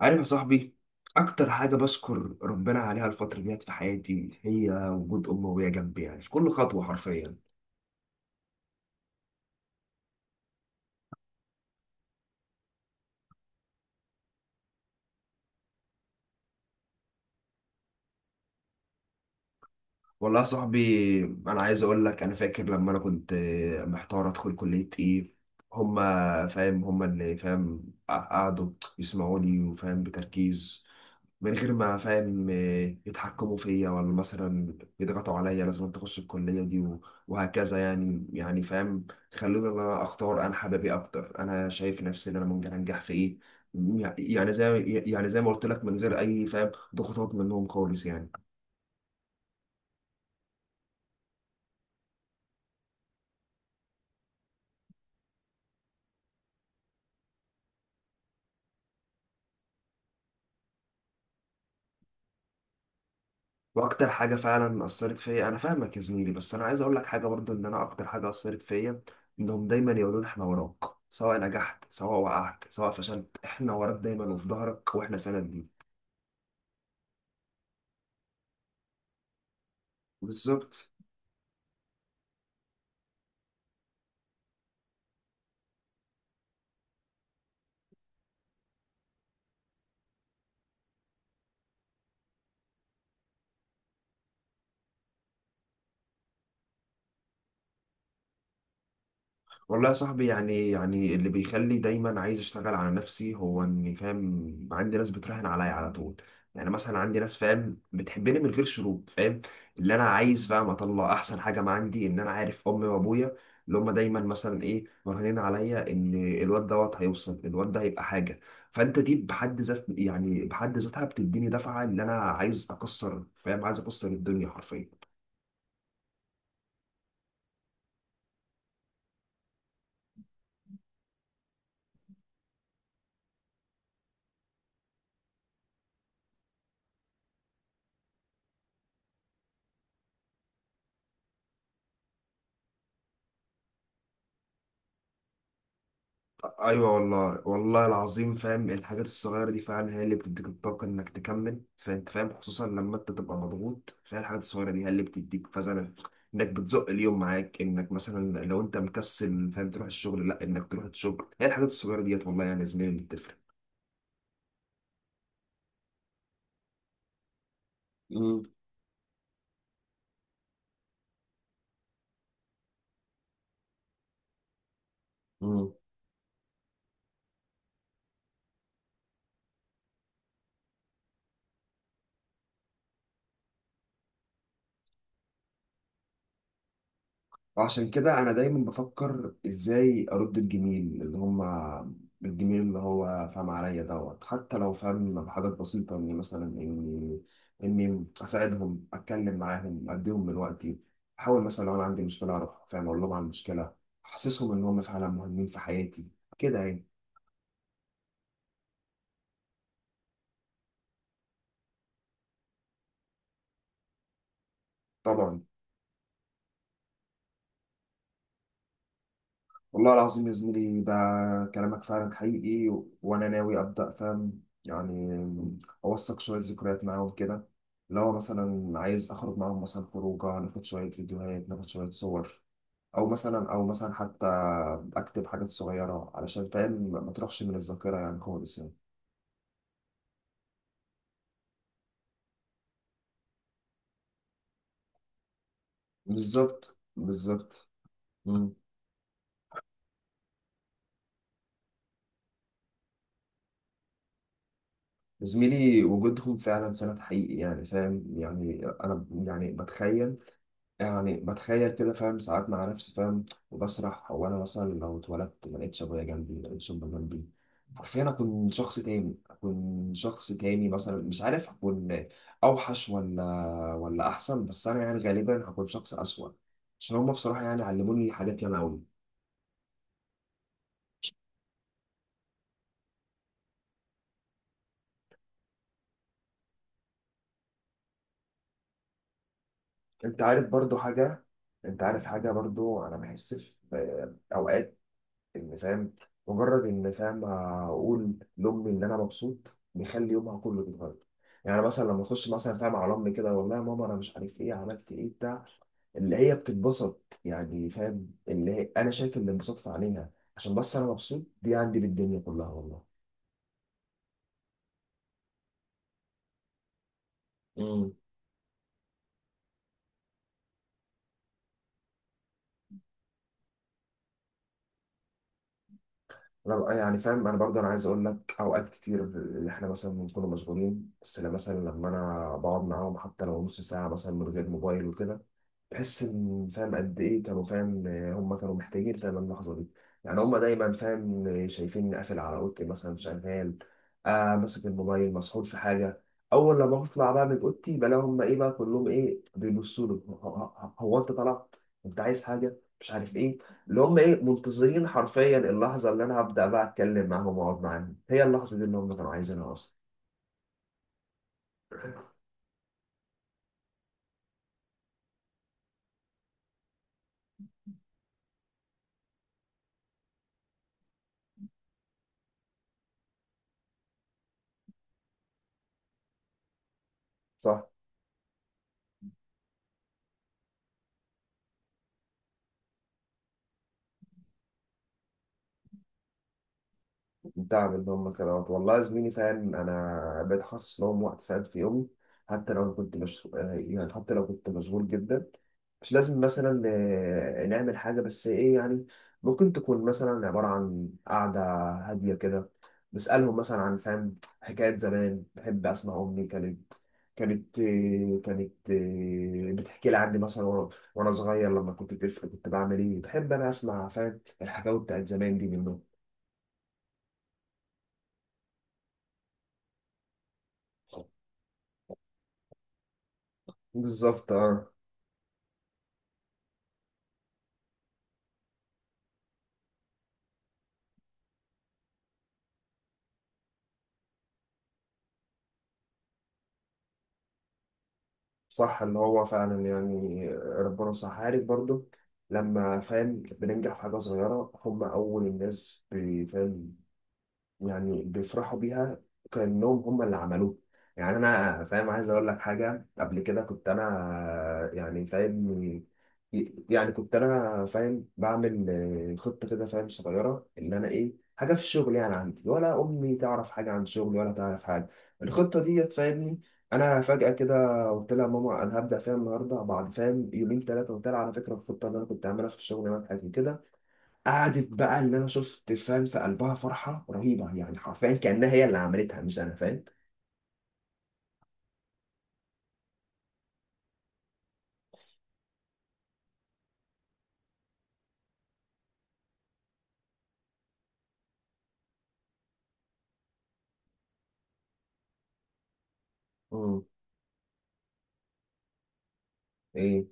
عارف يا صاحبي، اكتر حاجه بشكر ربنا عليها الفتره ديت في حياتي هي وجود امي وهي جنبي، يعني في كل خطوه حرفيا. والله يا صاحبي، انا عايز اقول لك، انا فاكر لما انا كنت محتار ادخل كليه ايه. هما هما اللي فاهم، قعدوا يسمعوا لي وفاهم بتركيز، من غير ما فاهم آه، يتحكموا فيا، ولا مثلا يضغطوا عليا لازم أنت تخش الكلية دي وهكذا. يعني فاهم، خلوني إن أنا أختار أنا حبابي أكتر، أنا شايف نفسي إن أنا ممكن أنجح في إيه. يعني زي يعني زي ما قلت لك، من غير أي ضغوطات منهم خالص يعني. وأكتر حاجة فعلا أثرت فيا، أنا فاهمك يا زميلي، بس أنا عايز أقول لك حاجة برضه، إن أنا أكتر حاجة أثرت فيا إنهم دايما يقولون إحنا وراك، سواء نجحت سواء وقعت سواء فشلت، إحنا وراك دايما وفي ظهرك وإحنا سند ليك. بالظبط. والله يا صاحبي، يعني اللي بيخلي دايما عايز اشتغل على نفسي هو اني عندي ناس بتراهن عليا على طول. يعني مثلا عندي ناس بتحبني من غير شروط، فاهم، اللي انا عايز اطلع احسن حاجه ما عندي، ان انا عارف امي وابويا اللي هم دايما مثلا مرهنين عليا ان الواد دوت هيوصل، الواد ده هيبقى حاجه. فانت دي بحد ذاتها بتديني دفعه ان انا عايز اكسر فاهم عايز اكسر الدنيا حرفيا. ايوه والله، والله العظيم، فاهم الحاجات الصغيره دي فعلا هي اللي بتديك الطاقه انك تكمل، فانت فاهم خصوصا لما انت تبقى مضغوط، فهي الحاجات الصغيره دي هي اللي بتديك فعلا انك بتزق اليوم معاك، انك مثلا لو انت مكسل تروح الشغل، لا، انك تروح الشغل هي الحاجات الصغيره ديت والله، يعني يا زميلي اللي بتفرق. مم. عشان كده انا دايما بفكر ازاي ارد الجميل اللي هما، الجميل اللي هو فاهم عليا دوت، حتى لو بحاجات بسيطة، اني مثلا اني اني اساعدهم، اتكلم معاهم، اديهم من وقتي، احاول مثلا لو انا عندي مشكلة اروح اقول لهم عن المشكلة، احسسهم ان هم فعلا مهمين في حياتي كده يعني. طبعا. والله العظيم يا زميلي، ده كلامك فعلا حقيقي، وانا ناوي ابدا فاهم يعني اوثق شويه ذكريات معاهم كده. لو مثلا عايز اخرج معاهم مثلا خروجه، ناخد شويه فيديوهات، ناخد شويه صور، او مثلا حتى اكتب حاجات صغيره علشان ما تروحش من الذاكره يعني خالص يعني. بالظبط. مم. زميلي وجودهم فعلا سند حقيقي، يعني فاهم، يعني انا يعني بتخيل، كده فاهم ساعات مع نفسي فاهم، وبسرح. هو انا مثلا لو اتولدت ما لقيتش ابويا جنبي، ما لقيتش امي جنبي، حرفيا اكون شخص تاني. مثلا مش عارف اكون اوحش ولا، ولا احسن، بس انا يعني غالبا هكون شخص اسوأ، عشان هما بصراحة يعني علموني حاجات ياما قوي. انت عارف برضو حاجة، انت عارف حاجة برضو، انا بحس في اوقات ان مجرد ان اقول لامي ان انا مبسوط بيخلي يومها كله بيتغير. يعني مثلا لما اخش مثلا على امي كده، والله يا ماما انا مش عارف ايه، عملت ايه بتاع، اللي هي بتتبسط، يعني فاهم اللي هي انا شايف الانبساط في عينيها، عشان بس انا مبسوط. دي عندي بالدنيا كلها والله. امم انا بقى يعني فاهم، انا برضه انا عايز اقول لك اوقات كتير اللي احنا مثلا بنكون مشغولين، بس لما انا بقعد معاهم حتى لو نص ساعه مثلا من غير موبايل وكده، تحس ان فاهم قد ايه كانوا فاهم هم كانوا محتاجين اللحظه دي. يعني هم دايما فاهم شايفيني قافل على اوضتي مثلا شغال، آه ماسك الموبايل مسحول في حاجه. اول لما بطلع بقى من اوضتي بلاقي هم ايه بقى كلهم ايه بيبصوا لي، هو انت طلعت، انت عايز حاجه مش عارف ايه. اللي هم ايه منتظرين حرفيا اللحظه اللي انا هبدا بقى اتكلم معاهم واقعد معاهم، هي اللحظه دي اللي هم كانوا عايزينها اصلا. صح. الدعم اللي هم كانوا عطوه. والله يا زميلي، فاهم انا بقيت حاسس لهم وقت في يومي، حتى لو كنت مش يعني حتى لو كنت مشغول جدا، مش لازم مثلا نعمل حاجة، بس إيه يعني، ممكن تكون مثلا عبارة عن قعدة هادية كده، بسألهم مثلا عن حكايات زمان. بحب أسمع أمي، كانت بتحكي لي عني مثلا، وأنا صغير لما كنت طفل كنت بعمل إيه. بحب أنا أسمع الحكاوي بتاعت زمان دي منهم. بالظبط اه. صح، اللي هو فعلا يعني ربنا صح. عارف برضه لما بننجح في حاجة صغيرة، هم أول الناس بي- فاهم يعني بيفرحوا بيها، كأنهم هم اللي عملوه. يعني انا عايز اقول لك حاجه، قبل كده كنت انا يعني فاهم، يعني كنت انا فاهم بعمل خطه كده فاهم صغيره، اللي انا ايه حاجه في الشغل يعني عندي، ولا امي تعرف حاجه عن شغلي، ولا تعرف حاجه الخطه دي فاهمني. انا فجاه كده قلت لها ماما انا هبدا فيها النهارده، بعد فاهم يومين ثلاثه قلت لها على فكره الخطه اللي انا كنت عاملها في الشغل نجحت كده. قعدت بقى اللي انا شفت فاهم في قلبها فرحه رهيبه، يعني حرفيا كانها هي اللي عملتها مش انا فاهم. مم. ايه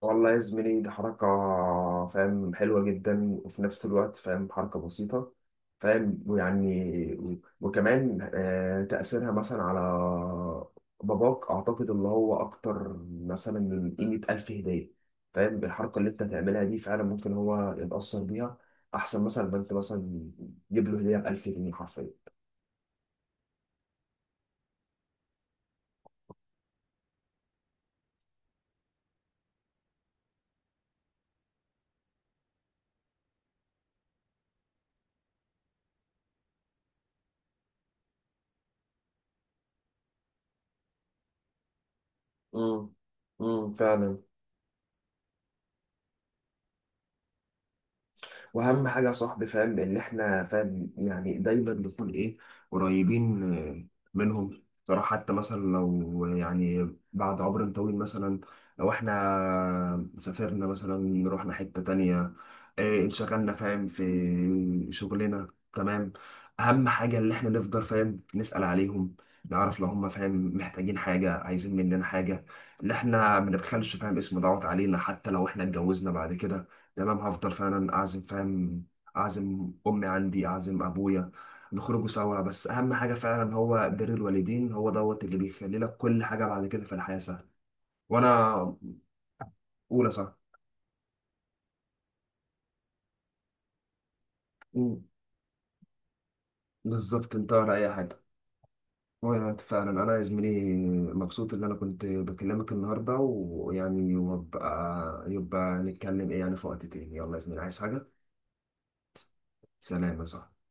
والله يا زميلي، دي حركه فاهم حلوه جدا، وفي نفس الوقت فاهم حركه بسيطه فاهم ويعني، وكمان تاثيرها مثلا على باباك اعتقد اللي هو اكتر مثلا من قيمه الف هديه، فاهم بالحركه اللي انت هتعملها دي فعلا ممكن هو يتاثر بيها احسن مثلا ما انت مثلا تجيب له هديه ب 1000 جنيه حرفيا. امم امم فعلا. واهم حاجه يا صاحبي فاهم ان احنا فاهم يعني دايما نكون ايه، قريبين منهم صراحه، حتى مثلا لو يعني بعد عمر طويل مثلا لو احنا سافرنا مثلا رحنا حته تانية، إيه انشغلنا فاهم في شغلنا، تمام، اهم حاجه اللي احنا نفضل فاهم نسال عليهم، نعرف لو هم فاهم محتاجين حاجه عايزين مننا حاجه، اللي احنا ما نبخلش فاهم اسم دعوت علينا، حتى لو احنا اتجوزنا بعد كده تمام، هفضل فعلا اعزم فاهم، اعزم امي عندي، اعزم ابويا، نخرجوا سوا. بس اهم حاجه فعلا هو بر الوالدين، هو دوت اللي بيخلي لك كل حاجه بعد كده في الحياه سهله. وانا اولى صح. مم. بالظبط، انت ولا اي حاجه. وانا انت فعلا، انا يا زميلي مبسوط ان انا كنت بكلمك النهارده، ويعني وابقى يبقى نتكلم ايه يعني في وقت تاني. يلا يا زميلي، عايز حاجه؟ سلام يا صاحبي.